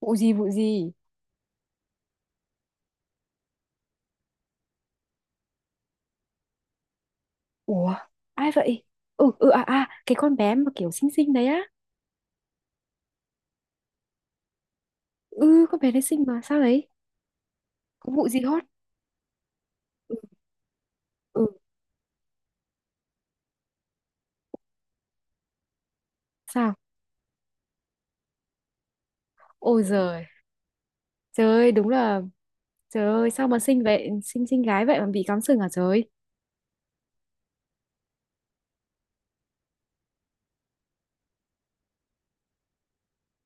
Vụ gì? Vụ gì? Ủa, ai vậy? Ừ, ừ, à, à, cái con bé mà kiểu xinh xinh đấy á. Ừ, con bé đấy xinh mà sao đấy? Có vụ gì hot? Ừ, ừ. Sao? Ôi giời. Trời ơi, đúng là. Trời ơi, sao mà xinh vậy, xinh xinh gái vậy mà bị cắm sừng à trời?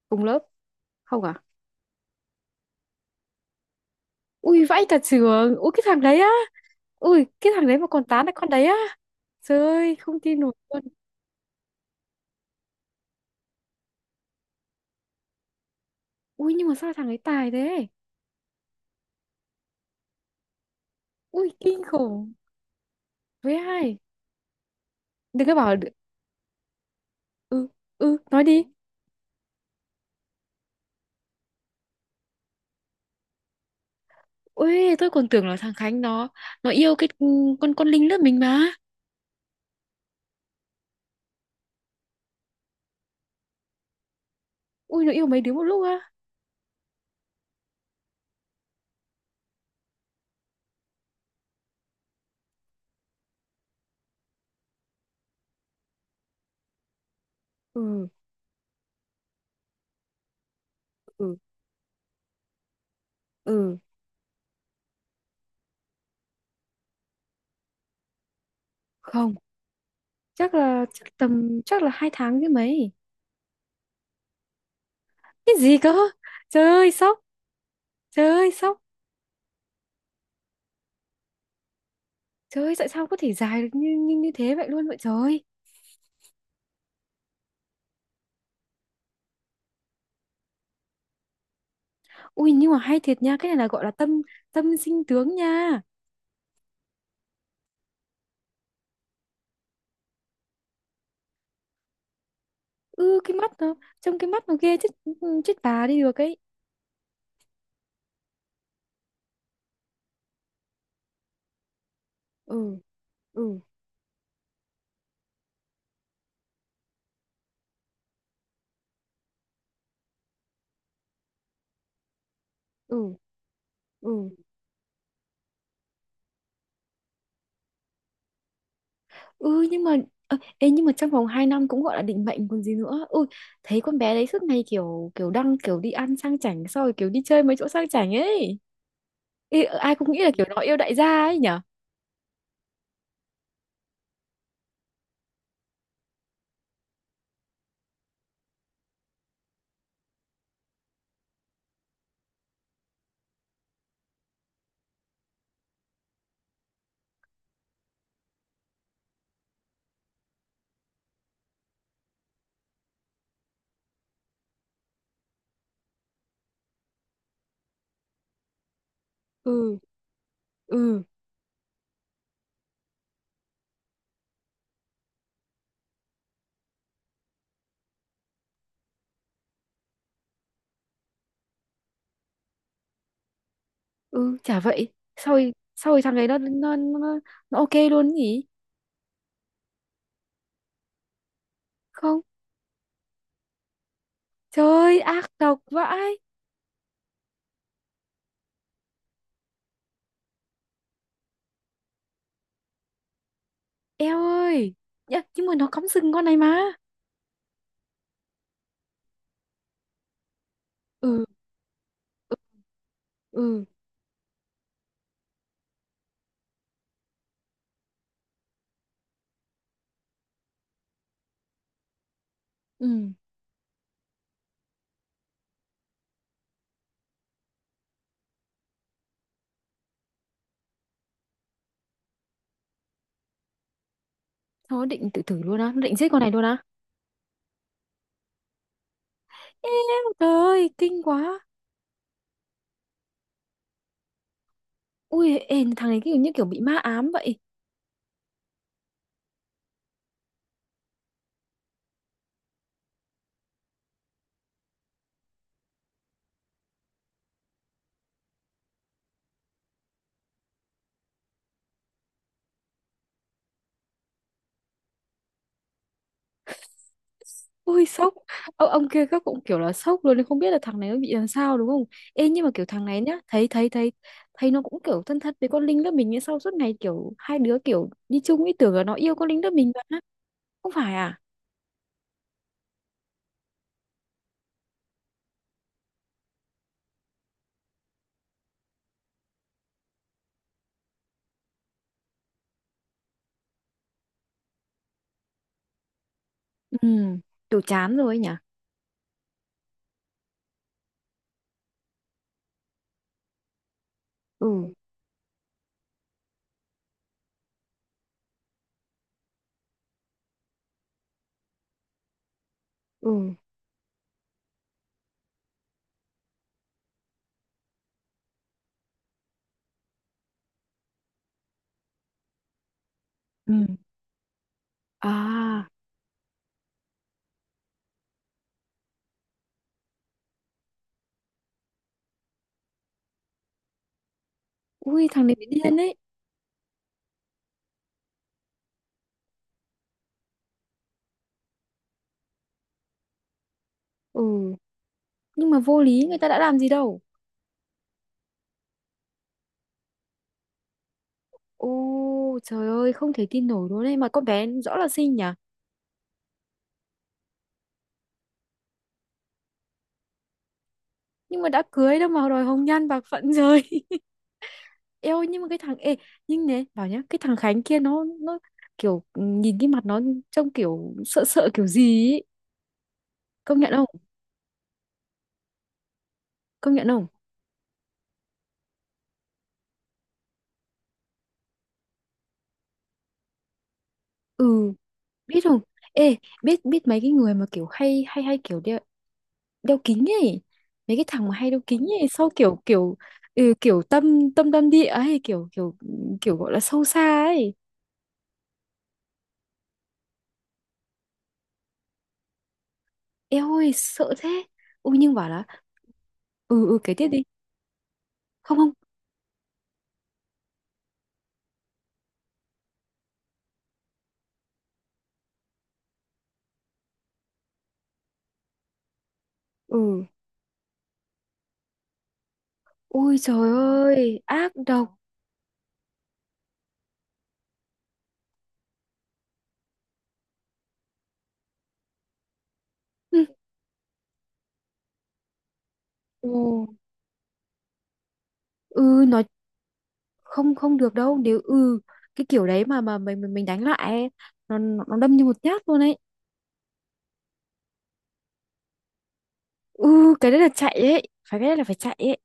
Cùng lớp? Không à? Ui vãi cả trường, ui cái thằng đấy á. Ui cái thằng đấy mà còn tán lại con đấy á. Trời ơi, không tin nổi luôn. Ui, nhưng mà sao thằng ấy tài thế? Ui kinh khủng. Với ai? Đừng có bảo là-. Ừ. Ừ, nói đi. Ui, tôi còn tưởng là thằng Khánh nó yêu cái, ừ, con Linh lớp mình mà. Ui, nó yêu mấy đứa một lúc á. Ừ. Ừ. Ừ. Không, chắc là, chắc tầm, chắc là 2 tháng chứ mấy. Cái gì cơ? Trời ơi, sốc. Trời ơi, sốc. Trời ơi, tại sao có thể dài được như, như như thế vậy luôn vậy trời. Ui, nhưng mà hay thiệt nha, cái này là gọi là tâm tâm sinh tướng nha. Ừ, cái mắt nó, trông cái mắt nó ghê chết. Ừ, chết bà đi được ấy. Ừ. Ừ. Ừ. Ừ. Ừ nhưng mà, ơ, ê, nhưng mà trong vòng 2 năm cũng gọi là định mệnh còn gì nữa. Ui, thấy con bé đấy suốt ngày kiểu kiểu đăng, kiểu đi ăn sang chảnh xong rồi kiểu đi chơi mấy chỗ sang chảnh ấy. Ê, ờ, ai cũng nghĩ là kiểu nó yêu đại gia ấy nhở. Ừ. Ừ. Ừ, chả vậy. Sau rồi thằng ấy nó ok luôn nhỉ? Không. Trời ơi, ác độc vãi. Eo ơi. Nhá, nhưng mà nó cắm sừng con này mà. Ừ. Ừ. Ừ, ừ. Nó định tự tử luôn á, nó định giết con này luôn á. Em. Trời ơi, kinh quá. Ui, ê, thằng này kiểu như kiểu bị ma ám vậy. Ui, sốc. Ông kia các cũng kiểu là sốc luôn, không biết là thằng này nó bị làm sao đúng không? Ê, nhưng mà kiểu thằng này nhá, thấy thấy nó cũng kiểu thân thân với con Linh lớp mình như sau suốt ngày kiểu hai đứa kiểu đi chung, ý tưởng là nó yêu con Linh lớp mình mà. Không phải à? Ừ, kiểu chán rồi ấy nhỉ? Ừ. Ừ. Ừ. À. Ui, thằng này bị điên ấy. Ừ, nhưng mà vô lý, người ta đã làm gì đâu. Ô trời ơi, không thể tin nổi luôn đấy mà con bé rõ là xinh nhỉ. Nhưng mà đã cưới đâu mà đòi hồng nhan bạc phận rồi. Ê ôi, nhưng mà cái thằng, ê, nhưng nè bảo nhá, cái thằng Khánh kia nó kiểu, ừ, nhìn cái mặt nó trông kiểu sợ sợ kiểu gì ấy. Công nhận không? Công nhận không? Ừ. Biết không? Ê, biết biết mấy cái người mà kiểu hay hay hay kiểu đeo, đeo kính ấy, mấy cái thằng mà hay đeo kính ấy sau kiểu kiểu, ừ, kiểu tâm tâm tâm địa ấy, kiểu kiểu, kiểu gọi là sâu xa ấy. Eo ơi sợ thế. Ui nhưng bảo là. Ừ, ừ, kể tiếp đi. Không, không. Ừ. Ui trời ơi, ác độc. Ừ. Ồ. Ừ, nó. Không không được đâu. Nếu, ừ, cái kiểu đấy mà mình đánh lại ấy, nó đâm như một nhát luôn ấy. Ừ cái đấy là chạy ấy. Phải, cái đấy là phải chạy ấy.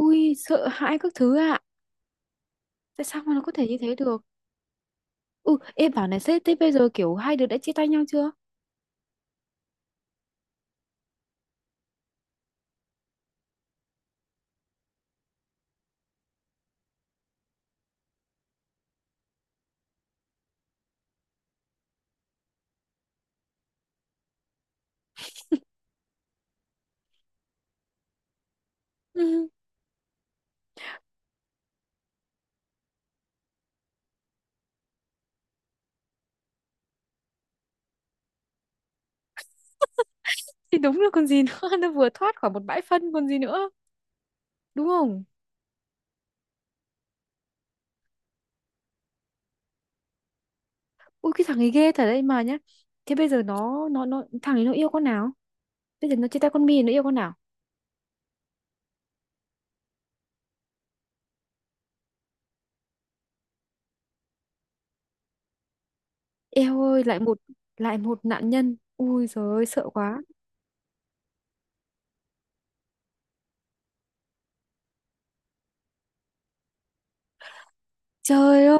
Ui sợ hãi các thứ ạ. Tại sao mà nó có thể như thế được? Ừ, em bảo này sếp, thế bây giờ kiểu hai đứa đã chia tay nhau chưa? Ừ thì đúng là còn gì nữa. Nó vừa thoát khỏi một bãi phân còn gì nữa. Đúng không? Ui cái thằng ấy ghê thật đấy mà nhá. Thế bây giờ nó thằng ấy nó yêu con nào? Bây giờ nó chia tay con My nó yêu con nào? Eo ơi, lại một, lại một nạn nhân. Ui giời ơi sợ quá. Trời ơi.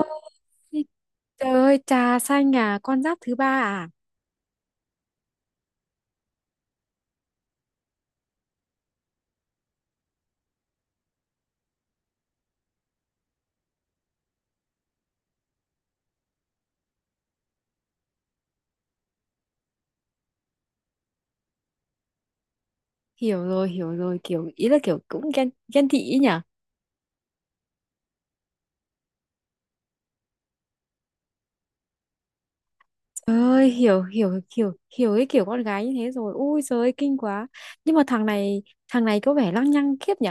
Trời ơi trà xanh à, con giáp thứ ba à? Hiểu rồi, kiểu ý là kiểu cũng ghen ghen tị ý nhỉ? Trời ơi, hiểu hiểu hiểu hiểu cái kiểu con gái như thế rồi. Ui giời ơi kinh quá. Nhưng mà thằng này, có vẻ lăng nhăng khiếp nhỉ?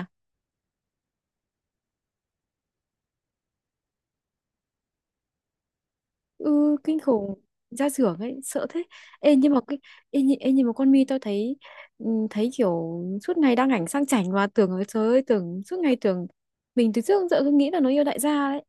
Ừ, kinh khủng. Ra xưởng ấy sợ thế. Ê nhưng mà cái, ê, nhị-, ê, nhưng mà con Mi tôi thấy, ừ, thấy kiểu suốt ngày đăng ảnh sang chảnh và tưởng, ơi trời ơi tưởng, suốt ngày tưởng, mình từ trước đến giờ cứ nghĩ là nó yêu đại gia đấy.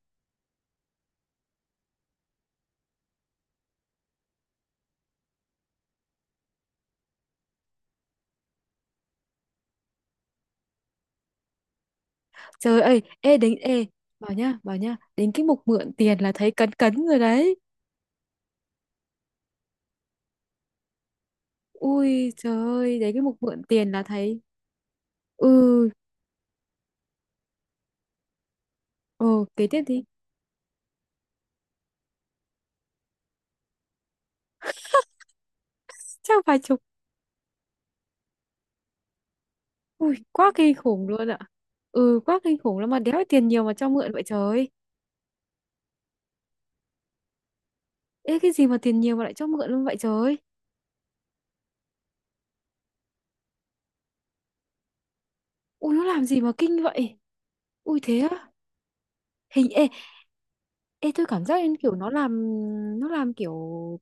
Trời ơi, ê đến ê, bảo nhá, bảo nhá, đến cái mục mượn tiền là thấy cấn cấn rồi đấy. Ui trời ơi đến cái mục mượn tiền là thấy. Ừ. Ồ kế tiếp thì. Chắc vài chục. Ui quá kinh khủng luôn ạ. Ừ quá kinh khủng lắm mà đéo tiền nhiều mà cho mượn vậy trời. Ê cái gì mà tiền nhiều mà lại cho mượn luôn vậy trời ơi. Ui nó làm gì mà kinh vậy? Ui thế á? Hình, ê, ê tôi cảm giác như kiểu nó làm, nó làm kiểu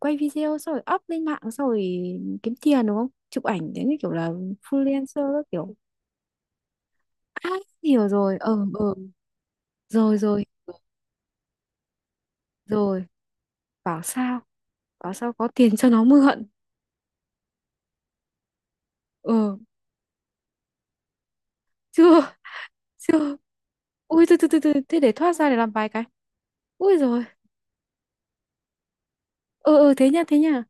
quay video xong rồi up lên mạng xong rồi kiếm tiền đúng không, chụp ảnh thế như kiểu là freelancer các kiểu. À hiểu rồi, ờ, ờ. Rồi, rồi, rồi. Bảo sao. Bảo sao có tiền cho nó mượn. Ờ. Chưa. Chưa. Ui từ từ. Thế để thoát ra để làm vài cái. Ui rồi. Ờ ờ thế nha, thế nha.